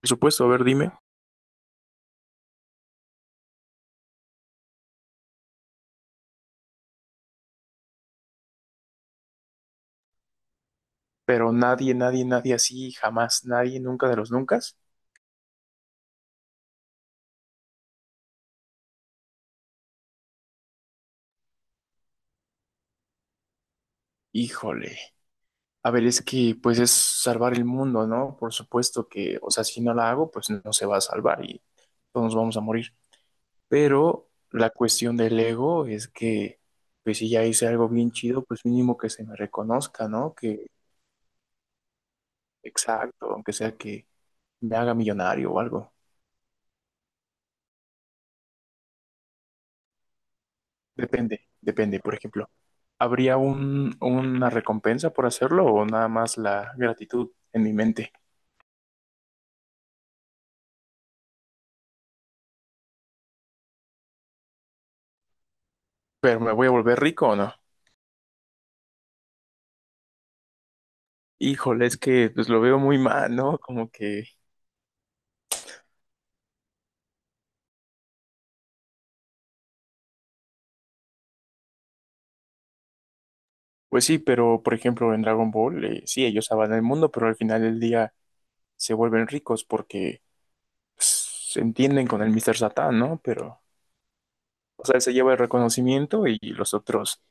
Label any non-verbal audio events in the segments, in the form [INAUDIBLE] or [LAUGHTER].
Por supuesto, a ver, dime. Pero nadie, nadie, nadie así, jamás, nadie, nunca de los nunca. Híjole. A ver, es que pues es salvar el mundo, ¿no? Por supuesto que, o sea, si no la hago, pues no se va a salvar y todos nos vamos a morir. Pero la cuestión del ego es que, pues si ya hice algo bien chido, pues mínimo que se me reconozca, ¿no? Que, exacto, aunque sea que me haga millonario o algo. Depende, depende. Por ejemplo, ¿habría una recompensa por hacerlo o nada más la gratitud en mi mente? ¿Pero me voy a volver rico o no? Híjole, es que pues lo veo muy mal, ¿no? Como que, pues sí, pero por ejemplo en Dragon Ball, sí, ellos salvan el mundo, pero al final del día se vuelven ricos porque pues, se entienden con el Mr. Satán, ¿no? Pero, o sea, él se lleva el reconocimiento y los otros.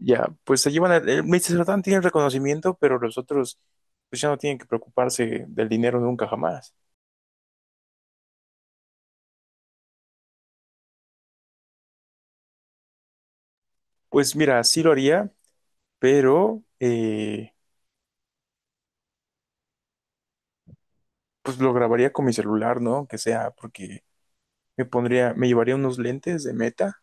Ya, pues se llevan, el Mr. Satan tiene el reconocimiento, pero los otros pues ya no tienen que preocuparse del dinero nunca jamás. Pues mira, sí lo haría, pero pues lo grabaría con mi celular, ¿no? Que sea, porque me pondría, me llevaría unos lentes de Meta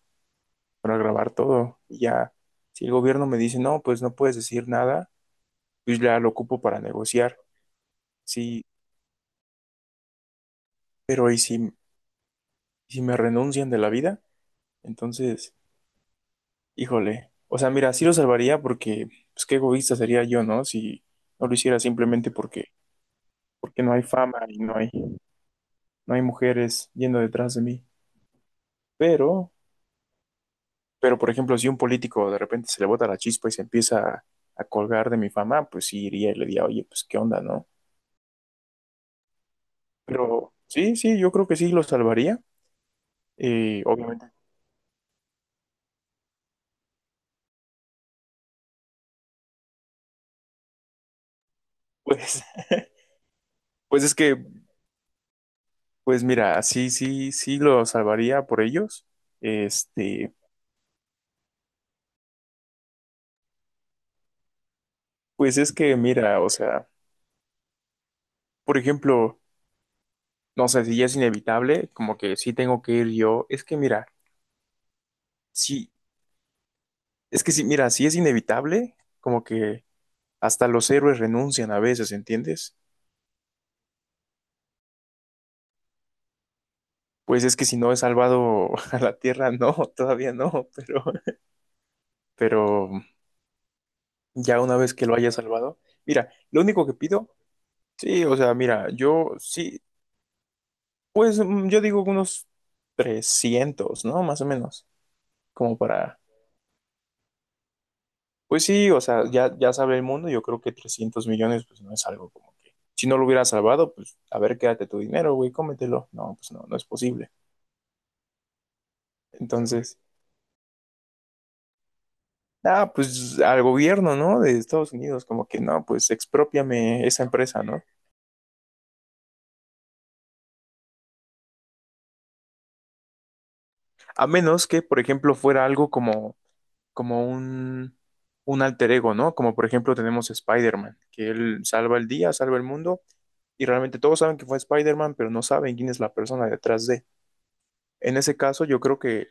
para grabar todo. Y ya, si el gobierno me dice, no, pues no puedes decir nada, pues ya lo ocupo para negociar. Sí, pero ¿y si, si me renuncian de la vida? Entonces. Híjole, o sea, mira, sí lo salvaría porque, pues qué egoísta sería yo, ¿no? Si no lo hiciera simplemente porque, porque no hay fama y no hay, no hay mujeres yendo detrás de mí. Pero, pero por ejemplo, si un político de repente se le bota la chispa y se empieza a colgar de mi fama, pues sí iría y le diría, oye, pues qué onda, ¿no? Pero sí, sí, yo creo que sí lo salvaría. Obviamente, pues, [LAUGHS] pues es que, pues mira, sí, sí, sí lo salvaría por ellos. Este, pues es que, mira, o sea, por ejemplo. No sé, si ya es inevitable, como que sí tengo que ir yo. Es que mira, sí, es que sí, mira, si es inevitable, como que hasta los héroes renuncian a veces, ¿entiendes? Pues es que si no he salvado [LAUGHS] a la Tierra, no, todavía no, pero ya una vez que lo haya salvado, mira, lo único que pido, sí, o sea, mira, yo sí, pues yo digo unos 300 ¿no? Más o menos, como para. Pues sí, o sea, ya, ya sabe el mundo, yo creo que 300 millones, pues no es algo como que, si no lo hubiera salvado, pues a ver, quédate tu dinero, güey, cómetelo. No, pues no, no es posible. Entonces, nada, pues al gobierno, ¿no? De Estados Unidos, como que no, pues expropiame esa empresa, ¿no? A menos que, por ejemplo, fuera algo como, como un alter ego, ¿no? Como por ejemplo tenemos Spider-Man, que él salva el día, salva el mundo, y realmente todos saben que fue Spider-Man, pero no saben quién es la persona detrás de. En ese caso, yo creo que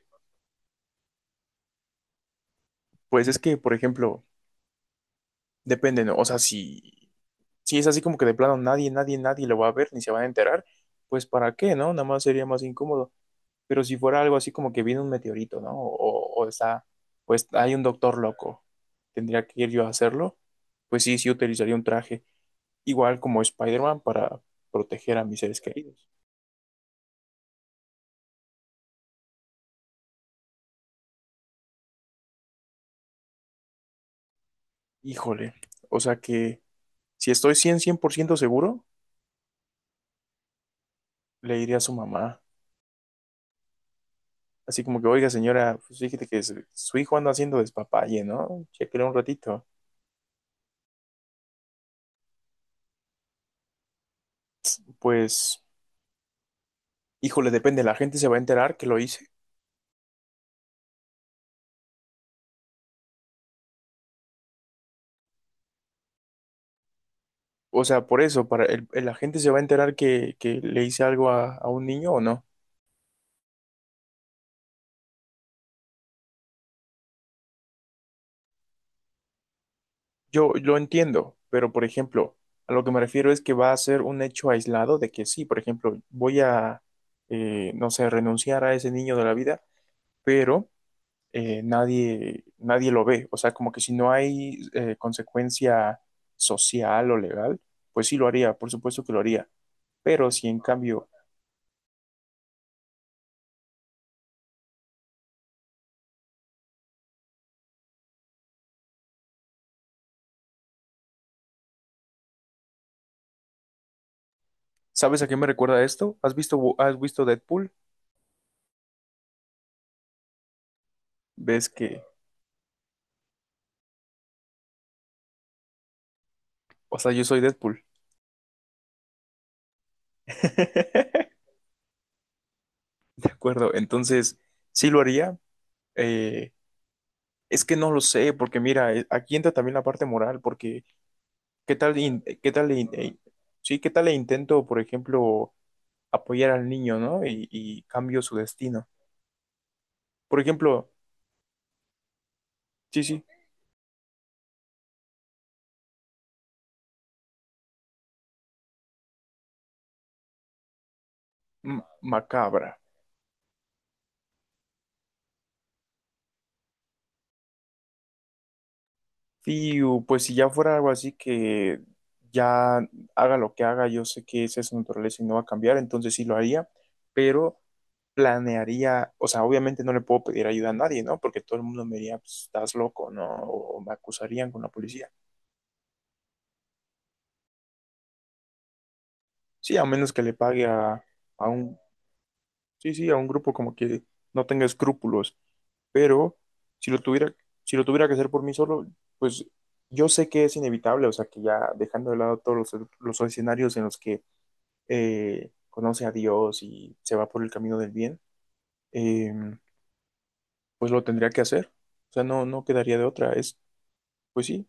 pues es que, por ejemplo, depende, ¿no? O sea, si, si es así como que de plano nadie, nadie, nadie lo va a ver ni se van a enterar, pues ¿para qué, no? Nada más sería más incómodo. Pero si fuera algo así como que viene un meteorito, ¿no? O está, pues hay un doctor loco, tendría que ir yo a hacerlo, pues sí, sí utilizaría un traje, igual como Spider-Man para proteger a mis seres queridos. Híjole, o sea que si estoy 100 100 por ciento seguro, le diría a su mamá. Así como que, oiga, señora, pues fíjate que su hijo anda haciendo despapalle, ¿no? Chéquele un ratito. Pues, híjole, depende, la gente se va a enterar que lo hice. O sea, por eso, para el- la gente se va a enterar que le hice algo a un niño o no. Yo lo entiendo, pero por ejemplo, a lo que me refiero es que va a ser un hecho aislado de que sí, por ejemplo, voy a, no sé, renunciar a ese niño de la vida, pero nadie, nadie lo ve. O sea, como que si no hay consecuencia social o legal, pues sí lo haría, por supuesto que lo haría. Pero si en cambio, ¿sabes a qué me recuerda esto? Has visto Deadpool? Ves que, o sea, yo soy Deadpool. [LAUGHS] De acuerdo, entonces sí lo haría. Eh, es que no lo sé, porque mira, aquí entra también la parte moral, porque ¿qué tal, in- eh, qué tal, in- eh, sí, qué tal le intento, por ejemplo, apoyar al niño, ¿no? Y cambio su destino. Por ejemplo, sí, sí, m- macabra. Y u, pues si ya fuera algo así que ya haga lo que haga, yo sé que esa es su naturaleza y no va a cambiar, entonces sí lo haría, pero planearía, o sea, obviamente no le puedo pedir ayuda a nadie, ¿no? Porque todo el mundo me diría, pues, estás loco, ¿no? O me acusarían con la policía. Sí, a menos que le pague a un. Sí, sí, a un grupo como que no tenga escrúpulos, pero si lo tuviera, si lo tuviera que hacer por mí solo, pues yo sé que es inevitable, o sea, que ya dejando de lado todos los escenarios en los que conoce a Dios y se va por el camino del bien, eh, pues lo tendría que hacer, o sea, no, no quedaría de otra, es, pues sí.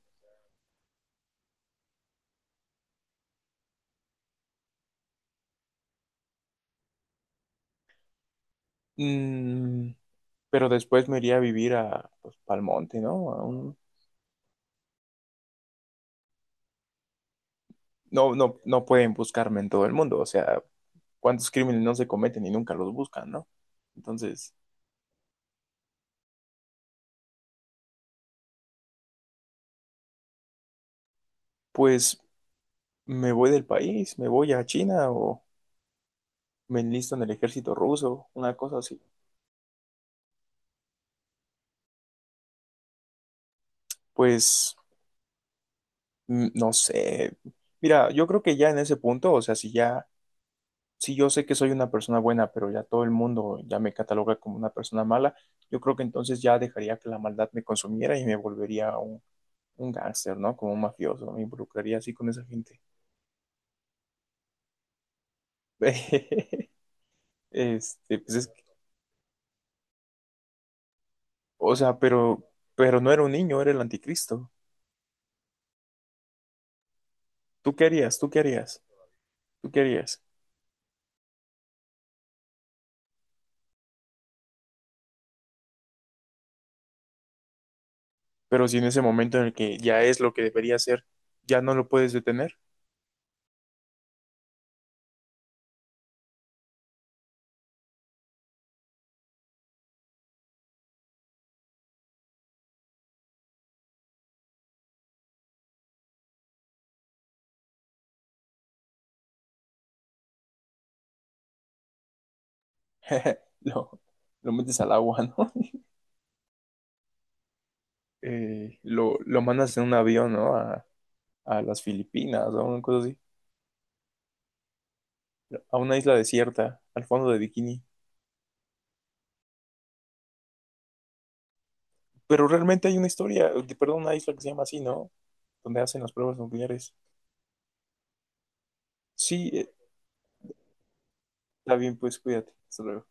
Mm, pero después me iría a vivir a, pues, pa'l monte, ¿no? A un- no, no, no pueden buscarme en todo el mundo, o sea, cuántos crímenes no se cometen y nunca los buscan, ¿no? Entonces, pues me voy del país, me voy a China o me enlisto en el ejército ruso, una cosa así. Pues no sé. Mira, yo creo que ya en ese punto, o sea, si ya, si yo sé que soy una persona buena, pero ya todo el mundo ya me cataloga como una persona mala, yo creo que entonces ya dejaría que la maldad me consumiera y me volvería un gángster, ¿no? Como un mafioso, me involucraría así con esa gente. [LAUGHS] Este, pues es. O sea, pero no era un niño, era el anticristo. ¿Tú qué harías? ¿Tú qué harías? ¿Tú qué harías? Pero si en ese momento en el que ya es lo que debería ser, ya no lo puedes detener, [LAUGHS] lo, lo metes al agua, ¿no? [LAUGHS] Lo mandas en un avión, ¿no? A las Filipinas o una cosa así, a una isla desierta, al fondo de Bikini. Pero realmente hay una historia, perdón, una isla que se llama así, ¿no? Donde hacen las pruebas nucleares. Sí, está bien, pues cuídate. Hasta luego.